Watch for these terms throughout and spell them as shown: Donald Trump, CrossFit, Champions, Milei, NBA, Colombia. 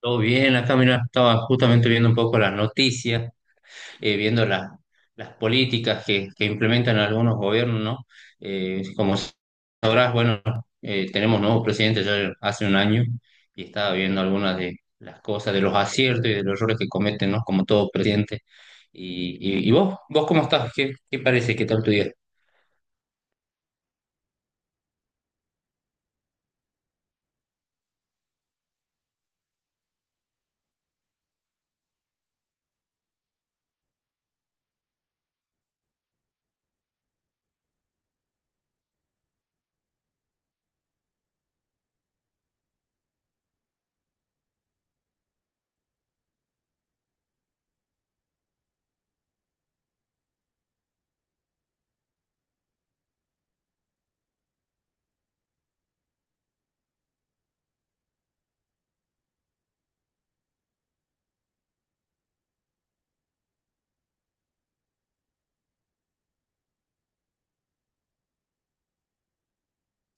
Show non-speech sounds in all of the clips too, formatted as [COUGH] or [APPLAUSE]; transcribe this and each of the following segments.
Todo bien, acá mira, estaba justamente viendo un poco las noticias, viendo las políticas que implementan algunos gobiernos, ¿no? Como sabrás, bueno, tenemos nuevo presidente ya hace un año y estaba viendo algunas de las cosas, de los aciertos y de los errores que cometen, ¿no? Como todo presidente. ¿Y, vos, vos cómo estás? ¿Qué, qué parece? ¿Qué tal tu día?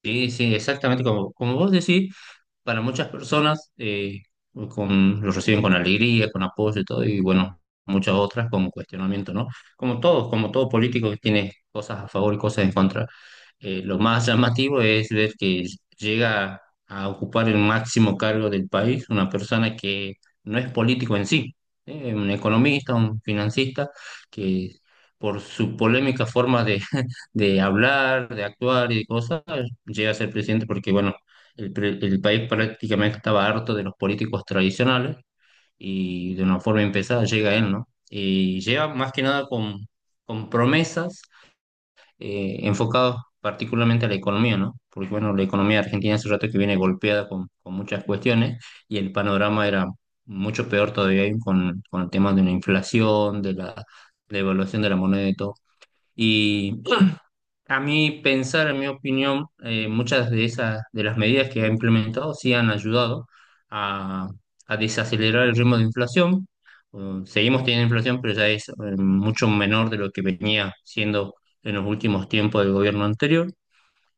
Sí, sí, exactamente como, como vos decís. Para muchas personas con, lo reciben con alegría, con apoyo y todo, y bueno, muchas otras con cuestionamiento, ¿no? Como todos, como todo político que tiene cosas a favor y cosas en contra. Lo más llamativo es ver que llega a ocupar el máximo cargo del país una persona que no es político en sí, un economista, un financista, que por su polémica forma de, [LAUGHS] de hablar, de actuar y de cosas, llega a ser presidente porque, bueno, el país prácticamente estaba harto de los políticos tradicionales y de una forma empezada llega él, ¿no? Y llega más que nada con, con promesas enfocadas particularmente a la economía, ¿no? Porque bueno, la economía argentina hace rato que viene golpeada con muchas cuestiones y el panorama era mucho peor todavía ahí con el tema de la inflación, de la devaluación de la moneda y todo. A mí pensar, en mi opinión, muchas de esas, de las medidas que ha implementado sí han ayudado a, a desacelerar el ritmo de inflación. Seguimos teniendo inflación, pero ya es mucho menor de lo que venía siendo en los últimos tiempos del gobierno anterior.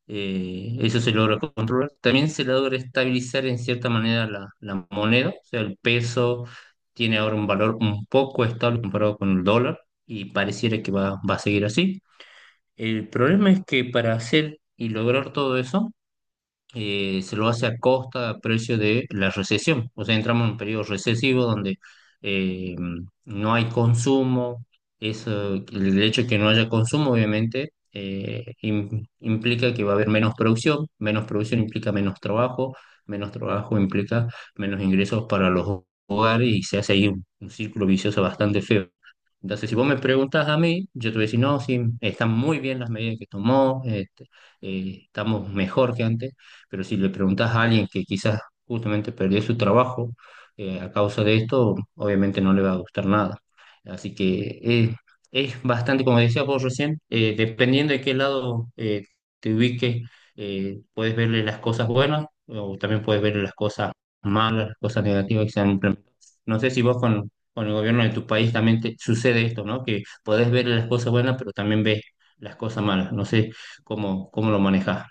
Eso se logra controlar. También se logra estabilizar en cierta manera la moneda, o sea, el peso tiene ahora un valor un poco estable comparado con el dólar y pareciera que va a seguir así. El problema es que para hacer y lograr todo eso, se lo hace a costa, a precio de la recesión. O sea, entramos en un periodo recesivo donde eh, no hay consumo. Eso, el hecho de que no haya consumo, obviamente, implica que va a haber menos producción. Menos producción implica menos trabajo. Menos trabajo implica menos ingresos para los hogares y se hace ahí un círculo vicioso bastante feo. Entonces, si vos me preguntas a mí, yo te voy a decir, no, sí, están muy bien las medidas que tomó, este, estamos mejor que antes, pero si le preguntas a alguien que quizás justamente perdió su trabajo a causa de esto, obviamente no le va a gustar nada. Así que es bastante, como decía vos recién, dependiendo de qué lado te ubiques, puedes verle las cosas buenas o también puedes verle las cosas malas, las cosas negativas que se han implementado. No sé si vos con el gobierno de tu país también te sucede esto, ¿no? Que podés ver las cosas buenas, pero también ves las cosas malas. No sé cómo, cómo lo manejas.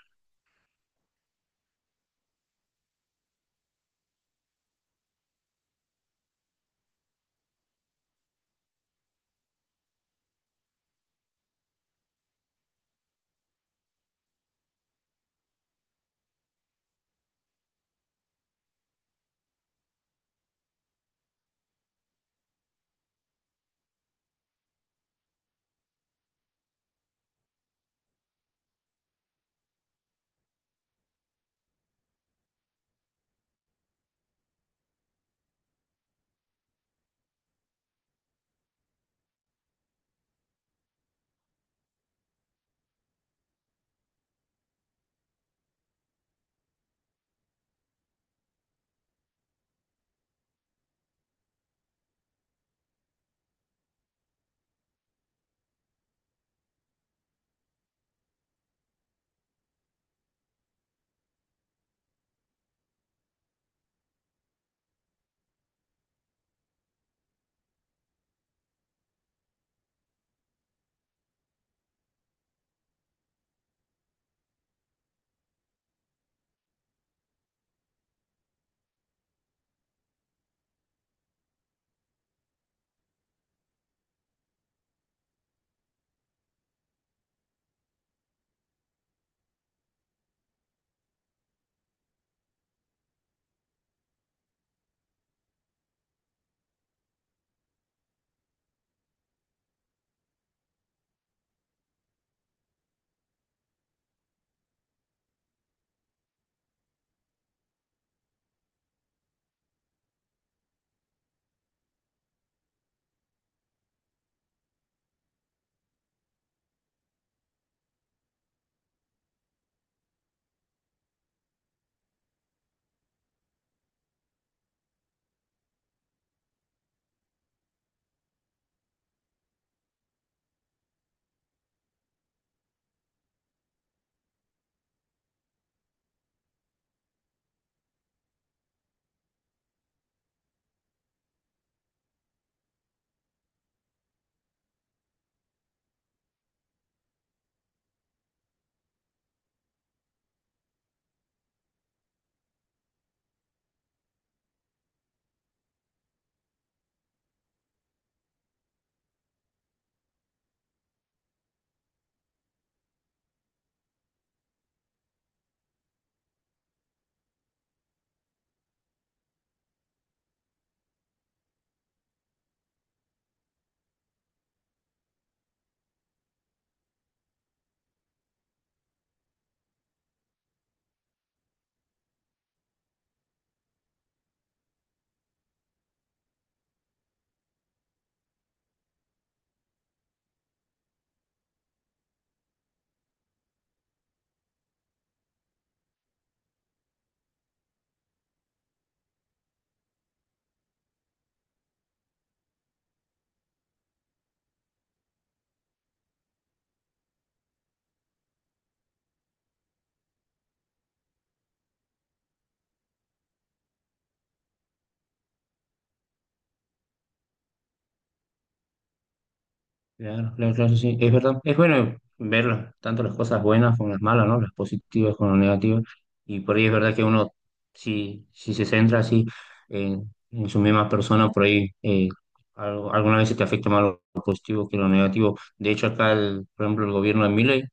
Claro, claro, claro, sí, sí. Es verdad. Es bueno ver tanto las cosas buenas como las malas, ¿no? Las positivas como las negativas. Y por ahí es verdad que uno, si, si se centra así en su misma persona, por ahí alguna vez se te afecta más lo positivo que lo negativo. De hecho, acá, por ejemplo, el gobierno de Milei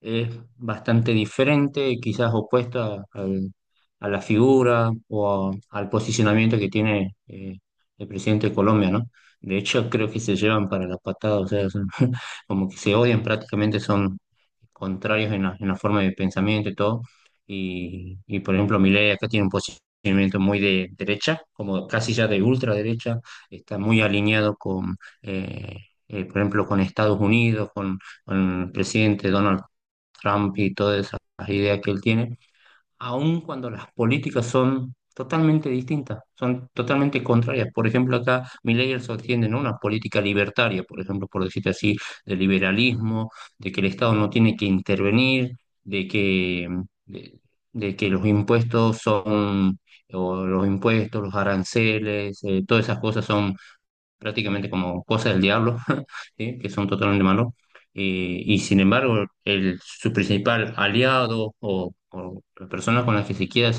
es bastante diferente, quizás opuesta a la figura o al posicionamiento que tiene el presidente de Colombia, ¿no? De hecho, creo que se llevan para la patada, o sea, [LAUGHS] como que se odian prácticamente, son contrarios en la forma de pensamiento y todo. Y, por ejemplo, Milei acá tiene un posicionamiento muy de derecha, como casi ya de ultraderecha, está muy alineado con, eh, por ejemplo, con Estados Unidos, con el presidente Donald Trump y todas esas ideas que él tiene aun cuando las políticas son totalmente distintas, son totalmente contrarias. Por ejemplo, acá Milei él sostiene, ¿no? una política libertaria, por ejemplo, por decirte así, de liberalismo, de que el Estado no tiene que intervenir, de que, de, de que los impuestos son, o los impuestos, los aranceles, todas esas cosas son prácticamente como cosas del diablo, [LAUGHS] ¿sí? que son totalmente malos. Y sin embargo, el, su principal aliado o la persona con la que se quiere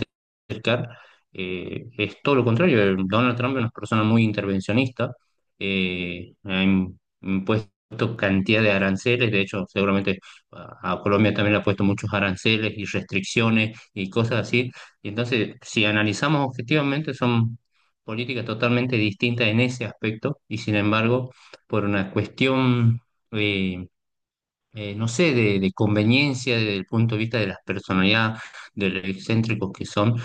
acercar es todo lo contrario. El Donald Trump es una persona muy intervencionista, impuesto cantidad de aranceles, de hecho, seguramente a Colombia también le ha puesto muchos aranceles y restricciones y cosas así. Y entonces, si analizamos objetivamente, son política totalmente distinta en ese aspecto y sin embargo, por una cuestión, eh, no sé, de conveniencia desde el punto de vista de las personalidades, de los excéntricos que son,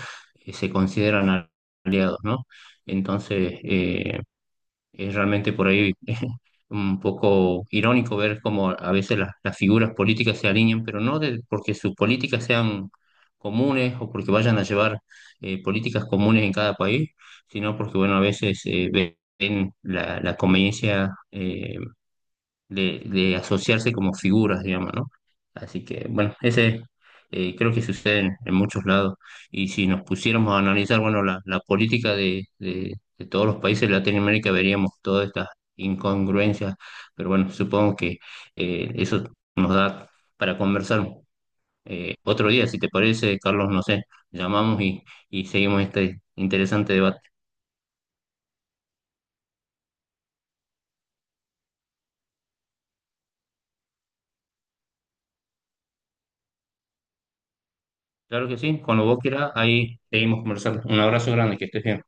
se consideran aliados, ¿no? Entonces, eh, es realmente por ahí [LAUGHS] un poco irónico ver cómo a veces las figuras políticas se alinean, pero no de- porque sus políticas sean comunes o porque vayan a llevar políticas comunes en cada país, sino porque, bueno, a veces ven la, la conveniencia de asociarse como figuras, digamos, ¿no? Así que, bueno, ese creo que sucede en muchos lados. Y si nos pusiéramos a analizar, bueno, la política de todos los países de Latinoamérica, veríamos todas estas incongruencias, pero bueno, supongo que eso nos da para conversar otro día, si te parece, Carlos, no sé, llamamos y seguimos este interesante debate. Claro que sí, cuando vos quieras, ahí seguimos conversando. Un abrazo grande, que estés bien.